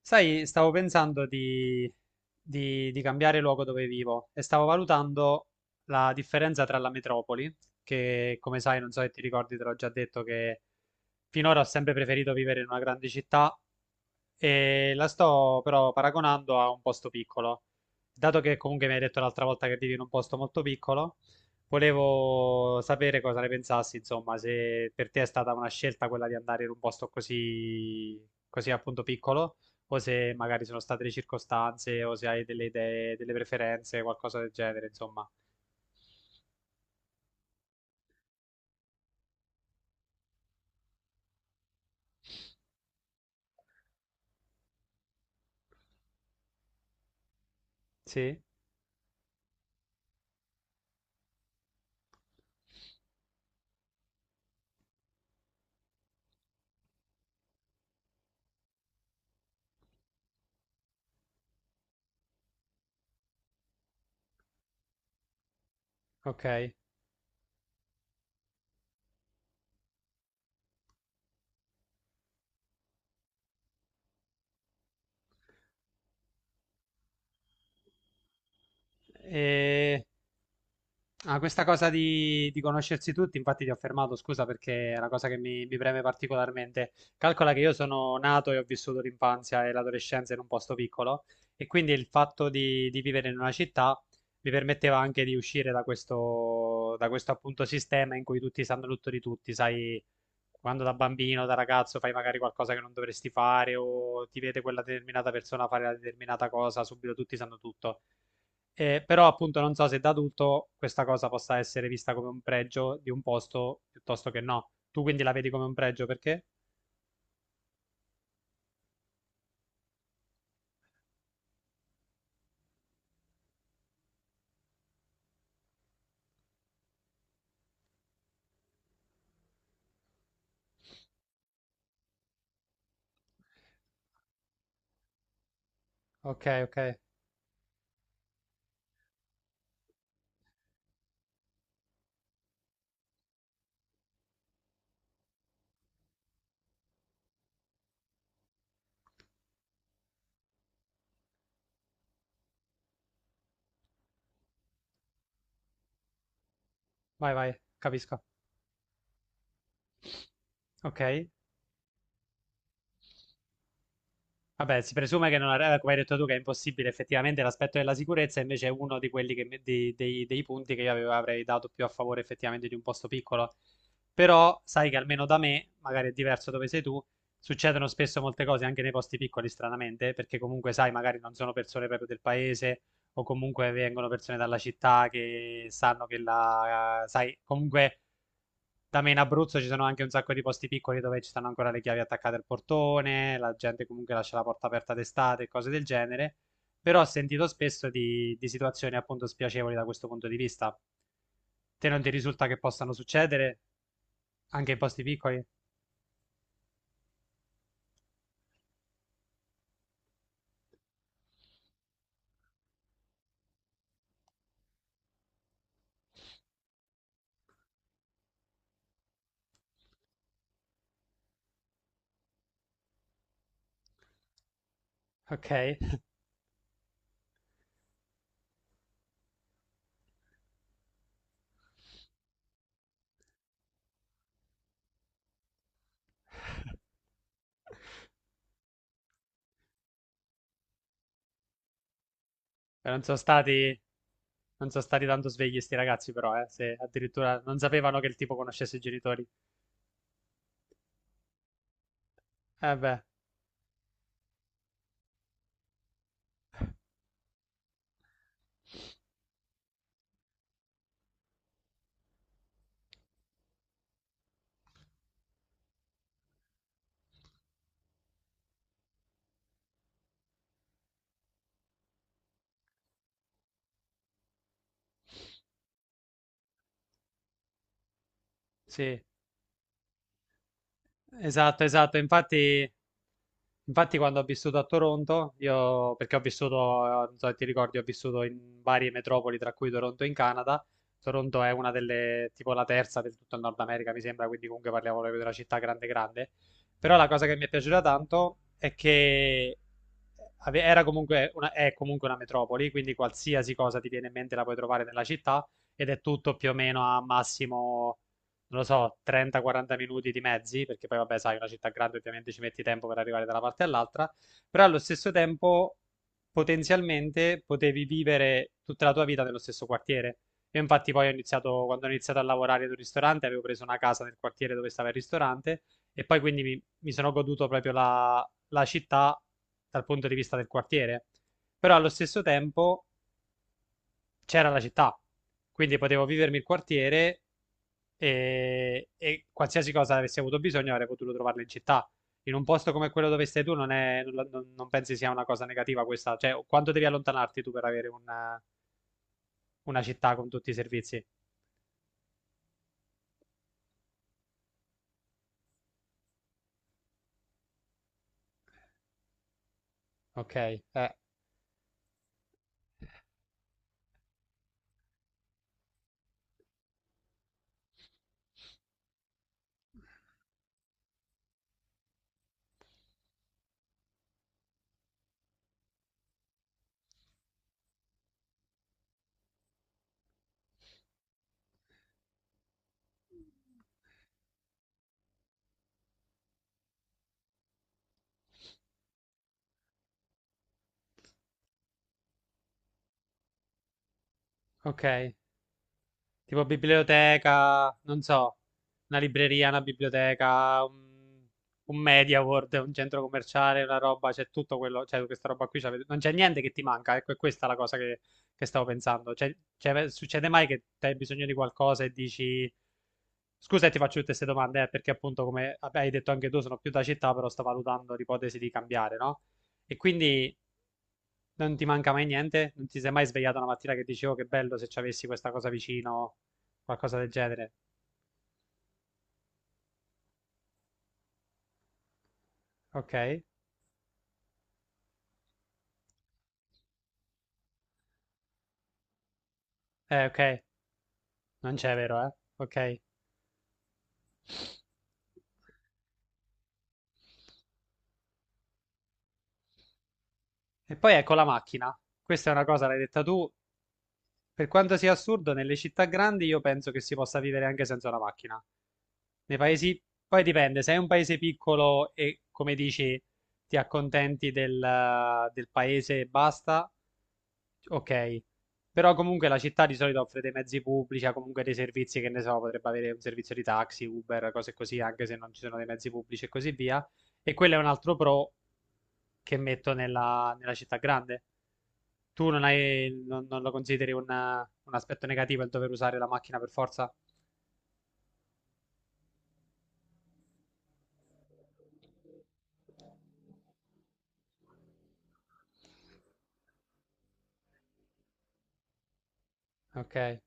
Sai, stavo pensando di cambiare luogo dove vivo e stavo valutando la differenza tra la metropoli, che come sai, non so se ti ricordi, te l'ho già detto che finora ho sempre preferito vivere in una grande città e la sto però paragonando a un posto piccolo. Dato che comunque mi hai detto l'altra volta che vivi in un posto molto piccolo, volevo sapere cosa ne pensassi, insomma, se per te è stata una scelta quella di andare in un posto così, così appunto piccolo, o se magari sono state le circostanze, o se hai delle idee, delle preferenze, qualcosa del genere, insomma. Sì, ok. E Ah, questa cosa di conoscersi tutti, infatti ti ho fermato, scusa perché è una cosa che mi preme particolarmente. Calcola che io sono nato e ho vissuto l'infanzia e l'adolescenza in un posto piccolo e quindi il fatto di vivere in una città mi permetteva anche di uscire da questo appunto sistema in cui tutti sanno tutto di tutti, sai, quando da bambino, da ragazzo fai magari qualcosa che non dovresti fare o ti vede quella determinata persona fare la determinata cosa, subito tutti sanno tutto. Però appunto non so se da adulto questa cosa possa essere vista come un pregio di un posto piuttosto che no. Tu quindi la vedi come un pregio perché? Ok, ok, vai, vai, capisco. Ok. Vabbè, si presume che non arriva, come hai detto tu, che è impossibile. Effettivamente l'aspetto della sicurezza invece è uno di quelli che me- dei, dei- dei punti che io avrei dato più a favore effettivamente di un posto piccolo. Però sai che almeno da me, magari è diverso dove sei tu, succedono spesso molte cose anche nei posti piccoli, stranamente, perché comunque sai, magari non sono persone proprio del paese o comunque vengono persone dalla città che sanno che la... sai, comunque da me in Abruzzo ci sono anche un sacco di posti piccoli dove ci stanno ancora le chiavi attaccate al portone, la gente comunque lascia la porta aperta d'estate e cose del genere. Però ho sentito spesso di situazioni appunto spiacevoli da questo punto di vista. Te non ti risulta che possano succedere anche in posti piccoli? Ok. Non sono stati, non sono stati tanto svegli sti ragazzi però, se addirittura non sapevano che il tipo conoscesse i genitori. Eh beh, sì, esatto, esatto. Infatti, quando ho vissuto a Toronto, io, perché ho vissuto, non so se ti ricordi, ho vissuto in varie metropoli, tra cui Toronto in Canada. Toronto è una delle, tipo la terza del tutto il Nord America, mi sembra, quindi comunque parliamo proprio della città grande grande. Però la cosa che mi è piaciuta tanto è che era comunque è comunque una metropoli, quindi qualsiasi cosa ti viene in mente la puoi trovare nella città ed è tutto più o meno a massimo non lo so, 30-40 minuti di mezzi, perché poi vabbè, sai, una città grande ovviamente ci metti tempo per arrivare da una parte all'altra, però allo stesso tempo potenzialmente potevi vivere tutta la tua vita nello stesso quartiere. Io infatti poi ho iniziato, quando ho iniziato a lavorare in un ristorante, avevo preso una casa nel quartiere dove stava il ristorante e poi quindi mi sono goduto proprio la città dal punto di vista del quartiere. Però allo stesso tempo c'era la città, quindi potevo vivermi il quartiere e qualsiasi cosa avessi avuto bisogno avrei potuto trovarla in città. In un posto come quello dove stai tu non, è, non, non pensi sia una cosa negativa questa? Cioè, quanto devi allontanarti tu per avere una città con tutti i servizi? Ok, ok. Tipo biblioteca, non so, una libreria, una biblioteca, un Media World, un centro commerciale, una roba, c'è tutto quello, cioè questa roba qui, non c'è niente che ti manca, ecco, è questa la cosa che stavo pensando. Cioè, cioè, succede mai che te hai bisogno di qualcosa e dici, scusa e ti faccio tutte queste domande, perché appunto come vabbè, hai detto anche tu, sono più da città, però sto valutando l'ipotesi di cambiare, no? E quindi non ti manca mai niente? Non ti sei mai svegliato una mattina che dicevo che bello se ci avessi questa cosa vicino, qualcosa del genere? Ok? Ok, non c'è, vero, eh? Ok. E poi ecco la macchina. Questa è una cosa, l'hai detta tu. Per quanto sia assurdo, nelle città grandi io penso che si possa vivere anche senza una macchina. Nei paesi... Poi dipende, se è un paese piccolo e, come dici, ti accontenti del paese e basta. Ok, però comunque la città di solito offre dei mezzi pubblici, ha comunque dei servizi che ne so, potrebbe avere un servizio di taxi, Uber, cose così, anche se non ci sono dei mezzi pubblici e così via. E quello è un altro pro che metto nella città grande. Tu non hai, non, non lo consideri una- un aspetto negativo il dover usare la macchina per forza? Ok,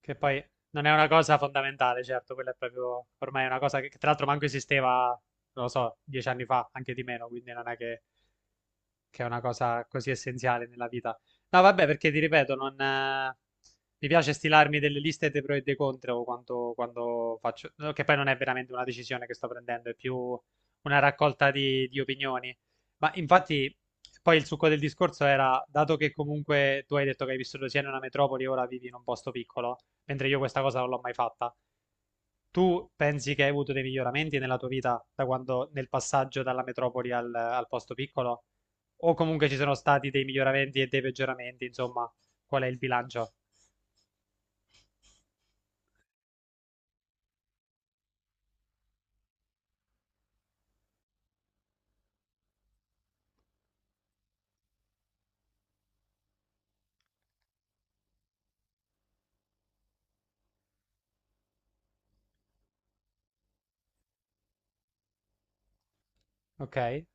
che poi non è una cosa fondamentale, certo, quella è proprio ormai è una cosa che tra l'altro manco esisteva, non lo so, 10 anni fa, anche di meno, quindi non è che è una cosa così essenziale nella vita. No, vabbè, perché ti ripeto, non, mi piace stilarmi delle liste dei pro e dei contro quando faccio, che poi non è veramente una decisione che sto prendendo, è più una raccolta di opinioni. Ma infatti, poi il succo del discorso era, dato che comunque tu hai detto che hai vissuto sia in una metropoli, ora vivi in un posto piccolo, mentre io questa cosa non l'ho mai fatta. Tu pensi che hai avuto dei miglioramenti nella tua vita da quando, nel passaggio dalla metropoli al posto piccolo? O comunque ci sono stati dei miglioramenti e dei peggioramenti, insomma, qual è il bilancio? Ok?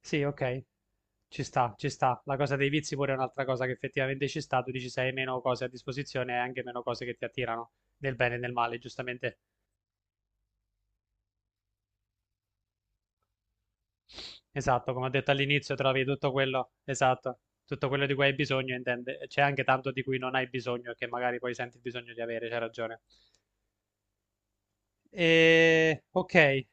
Sì, ok, ci sta, ci sta. La cosa dei vizi pure è un'altra cosa che effettivamente ci sta. Tu dici se hai meno cose a disposizione e anche meno cose che ti attirano, nel bene e nel male, giustamente. Esatto, come ho detto all'inizio, trovi tutto quello, esatto, tutto quello di cui hai bisogno, intende, c'è anche tanto di cui non hai bisogno e che magari poi senti il bisogno di avere, c'è ragione. E, ok,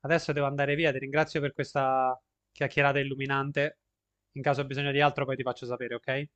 adesso devo andare via, ti ringrazio per questa chiacchierata illuminante. In caso ho bisogno di altro, poi ti faccio sapere, ok?